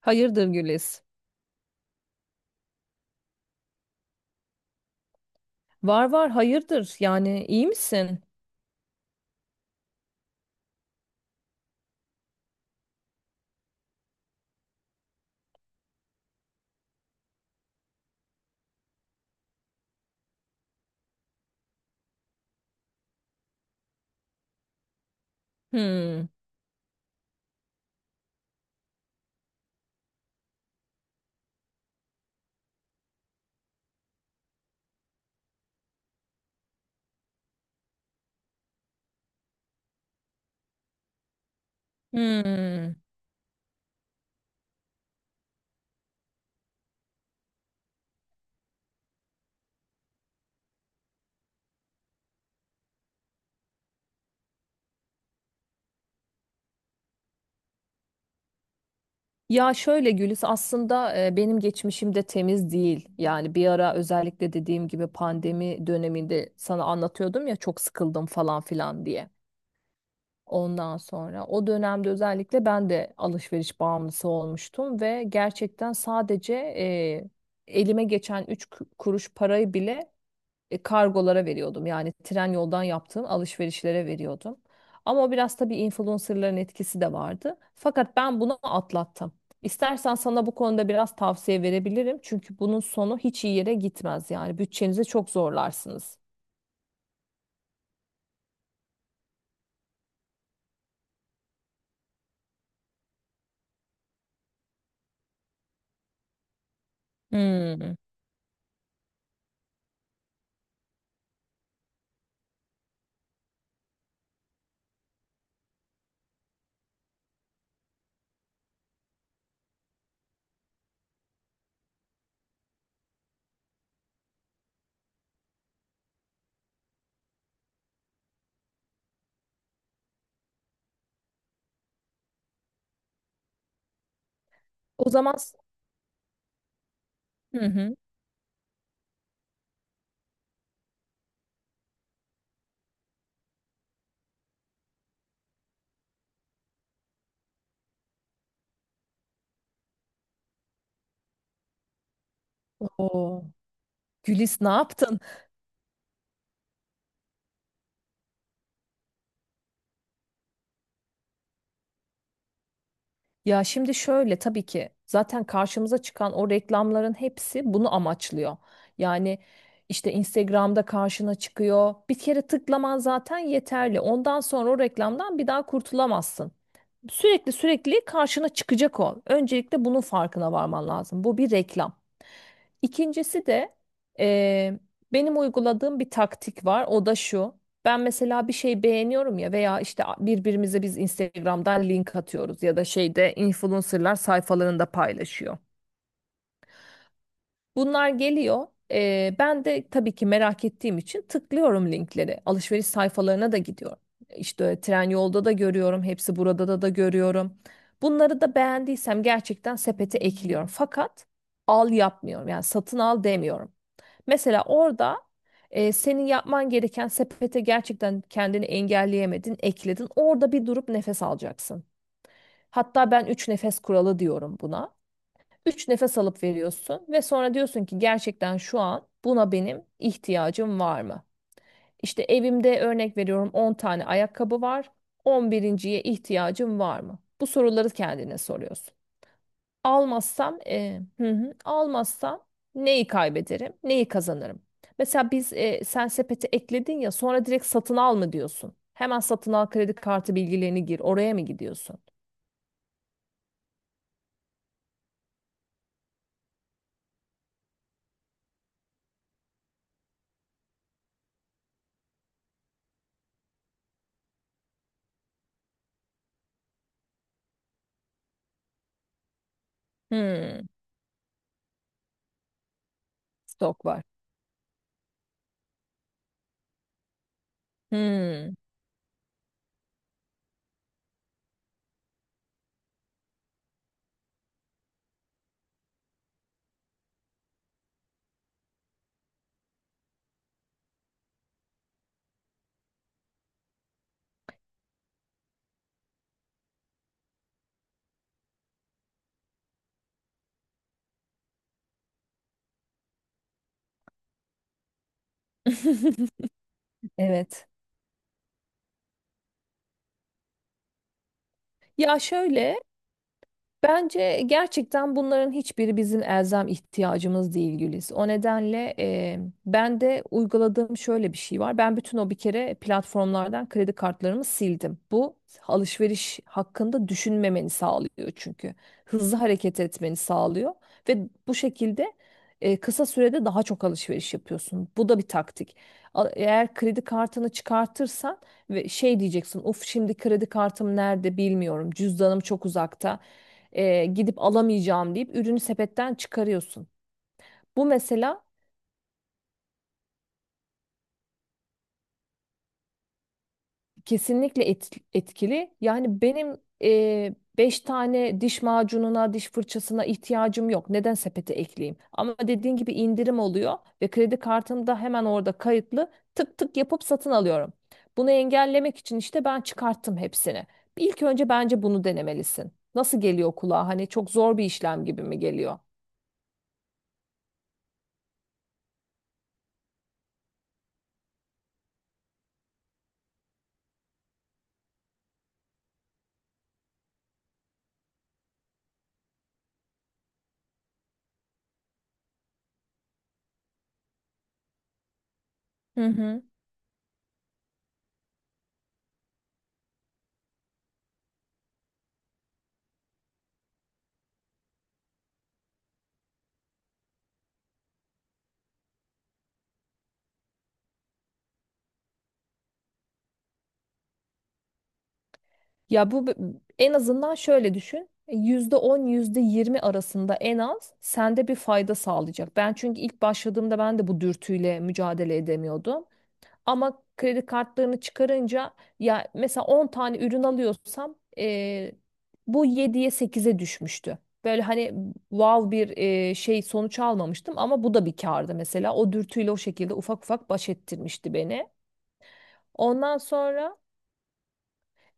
Hayırdır Güliz? Var var hayırdır. Yani iyi misin? Hmm. Hmm. Ya şöyle Güliz aslında benim geçmişim de temiz değil. Yani bir ara özellikle dediğim gibi pandemi döneminde sana anlatıyordum ya çok sıkıldım falan filan diye. Ondan sonra o dönemde özellikle ben de alışveriş bağımlısı olmuştum ve gerçekten sadece elime geçen 3 kuruş parayı bile kargolara veriyordum. Yani tren yoldan yaptığım alışverişlere veriyordum. Ama o biraz tabii influencerların etkisi de vardı. Fakat ben bunu atlattım. İstersen sana bu konuda biraz tavsiye verebilirim. Çünkü bunun sonu hiç iyi yere gitmez yani. Bütçenizi çok zorlarsınız. Hmm. O zaman Hı hı. o Gülis ne yaptın? Ya şimdi şöyle tabii ki zaten karşımıza çıkan o reklamların hepsi bunu amaçlıyor. Yani işte Instagram'da karşına çıkıyor. Bir kere tıklaman zaten yeterli. Ondan sonra o reklamdan bir daha kurtulamazsın. Sürekli sürekli karşına çıkacak o. Öncelikle bunun farkına varman lazım. Bu bir reklam. İkincisi de eee, benim uyguladığım bir taktik var. O da şu. Ben mesela bir şey beğeniyorum ya veya işte birbirimize biz Instagram'dan link atıyoruz ya da şeyde influencerlar sayfalarında paylaşıyor. Bunlar geliyor. Ben de tabii ki merak ettiğim için tıklıyorum linkleri. Alışveriş sayfalarına da gidiyorum. İşte tren yolda da görüyorum. Hepsi burada da görüyorum. Bunları da beğendiysem gerçekten sepete ekliyorum. Fakat al yapmıyorum. Yani satın al demiyorum. Mesela orada senin yapman gereken sepete gerçekten kendini engelleyemedin, ekledin. Orada bir durup nefes alacaksın. Hatta ben üç nefes kuralı diyorum buna. Üç nefes alıp veriyorsun ve sonra diyorsun ki gerçekten şu an buna benim ihtiyacım var mı? İşte evimde örnek veriyorum 10 tane ayakkabı var. 11'inciye ihtiyacım var mı? Bu soruları kendine soruyorsun. Almazsam, hı hı, almazsam neyi kaybederim, neyi kazanırım? Mesela sen sepete ekledin ya sonra direkt satın al mı diyorsun? Hemen satın al kredi kartı bilgilerini gir. Oraya mı gidiyorsun? Hmm, stok var. Hmm. Evet. Ya şöyle Bence gerçekten bunların hiçbiri bizim elzem ihtiyacımız değil Güliz. O nedenle ben de uyguladığım şöyle bir şey var. Ben bütün o bir kere platformlardan kredi kartlarımı sildim. Bu alışveriş hakkında düşünmemeni sağlıyor çünkü. Hızlı hareket etmeni sağlıyor ve bu şekilde kısa sürede daha çok alışveriş yapıyorsun. Bu da bir taktik. Eğer kredi kartını çıkartırsan ve şey diyeceksin, "Uf şimdi kredi kartım nerede bilmiyorum. Cüzdanım çok uzakta." Gidip alamayacağım deyip ürünü sepetten çıkarıyorsun. Bu mesela kesinlikle etkili. Yani benim beş tane diş macununa, diş fırçasına ihtiyacım yok. Neden sepete ekleyeyim? Ama dediğin gibi indirim oluyor ve kredi kartım da hemen orada kayıtlı. Tık tık yapıp satın alıyorum. Bunu engellemek için işte ben çıkarttım hepsini. İlk önce bence bunu denemelisin. Nasıl geliyor kulağa? Hani çok zor bir işlem gibi mi geliyor? Hı hı. Ya bu b- En azından şöyle düşün. E, %10 yüzde yirmi arasında en az sende bir fayda sağlayacak. Ben çünkü ilk başladığımda ben de bu dürtüyle mücadele edemiyordum. Ama kredi kartlarını çıkarınca ya mesela 10 tane ürün alıyorsam bu yediye sekize düşmüştü. Böyle hani wow bir şey sonuç almamıştım ama bu da bir kârdı mesela. O dürtüyle o şekilde ufak ufak baş ettirmişti beni. Ondan sonra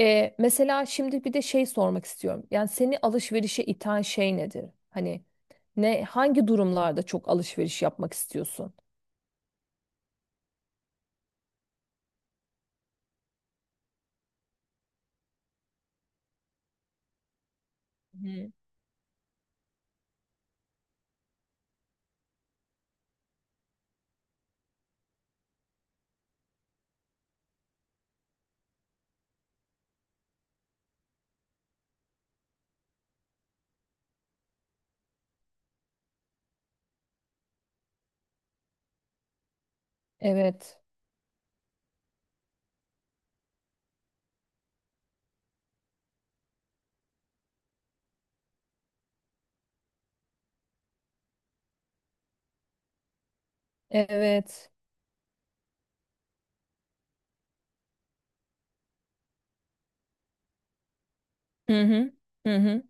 mesela şimdi bir de şey sormak istiyorum. Yani seni alışverişe iten şey nedir? Hani ne hangi durumlarda çok alışveriş yapmak istiyorsun? Hı. Evet. Evet. Hı hı. Hı hı.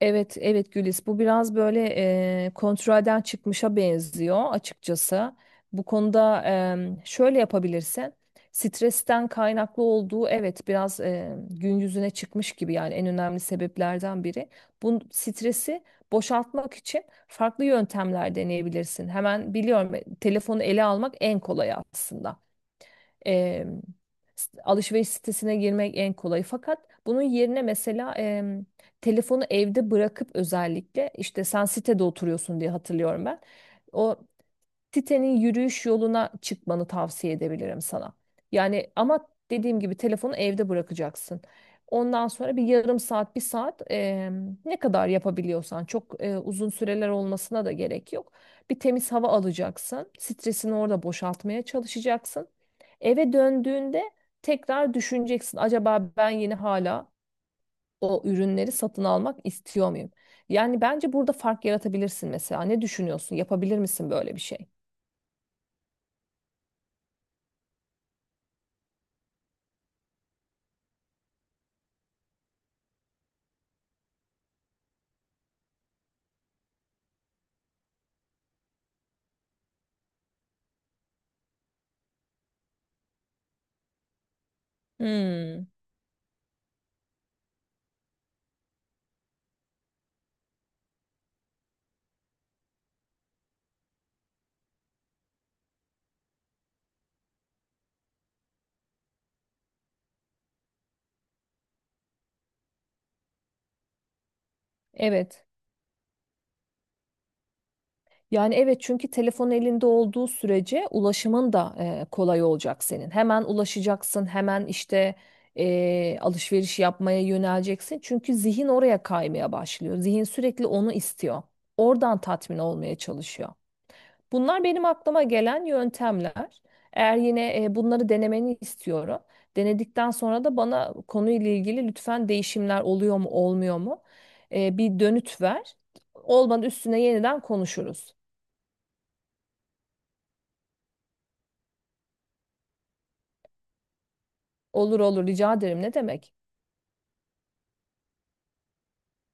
Evet, evet Gülis. Bu biraz böyle kontrolden çıkmışa benziyor açıkçası. Bu konuda şöyle yapabilirsin. Stresten kaynaklı olduğu evet biraz gün yüzüne çıkmış gibi yani en önemli sebeplerden biri. Bu stresi boşaltmak için farklı yöntemler deneyebilirsin. Hemen biliyorum telefonu ele almak en kolay aslında e, alışveriş sitesine girmek en kolayı. Fakat bunun yerine mesela telefonu evde bırakıp özellikle işte sen sitede oturuyorsun diye hatırlıyorum ben. O sitenin yürüyüş yoluna çıkmanı tavsiye edebilirim sana. Yani ama dediğim gibi telefonu evde bırakacaksın. Ondan sonra bir yarım saat, bir saat ne kadar yapabiliyorsan çok uzun süreler olmasına da gerek yok. Bir temiz hava alacaksın. Stresini orada boşaltmaya çalışacaksın. Eve döndüğünde tekrar düşüneceksin. Acaba ben yine hala o ürünleri satın almak istiyor muyum? Yani bence burada fark yaratabilirsin mesela. Ne düşünüyorsun? Yapabilir misin böyle bir şey? Hmm, evet. Yani evet çünkü telefon elinde olduğu sürece ulaşımın da kolay olacak senin. Hemen ulaşacaksın, hemen işte alışveriş yapmaya yöneleceksin. Çünkü zihin oraya kaymaya başlıyor. Zihin sürekli onu istiyor. Oradan tatmin olmaya çalışıyor. Bunlar benim aklıma gelen yöntemler. Eğer yine bunları denemeni istiyorum. Denedikten sonra da bana konuyla ilgili lütfen değişimler oluyor mu olmuyor mu bir dönüt ver. Olmadı üstüne yeniden konuşuruz. Olur olur rica ederim ne demek.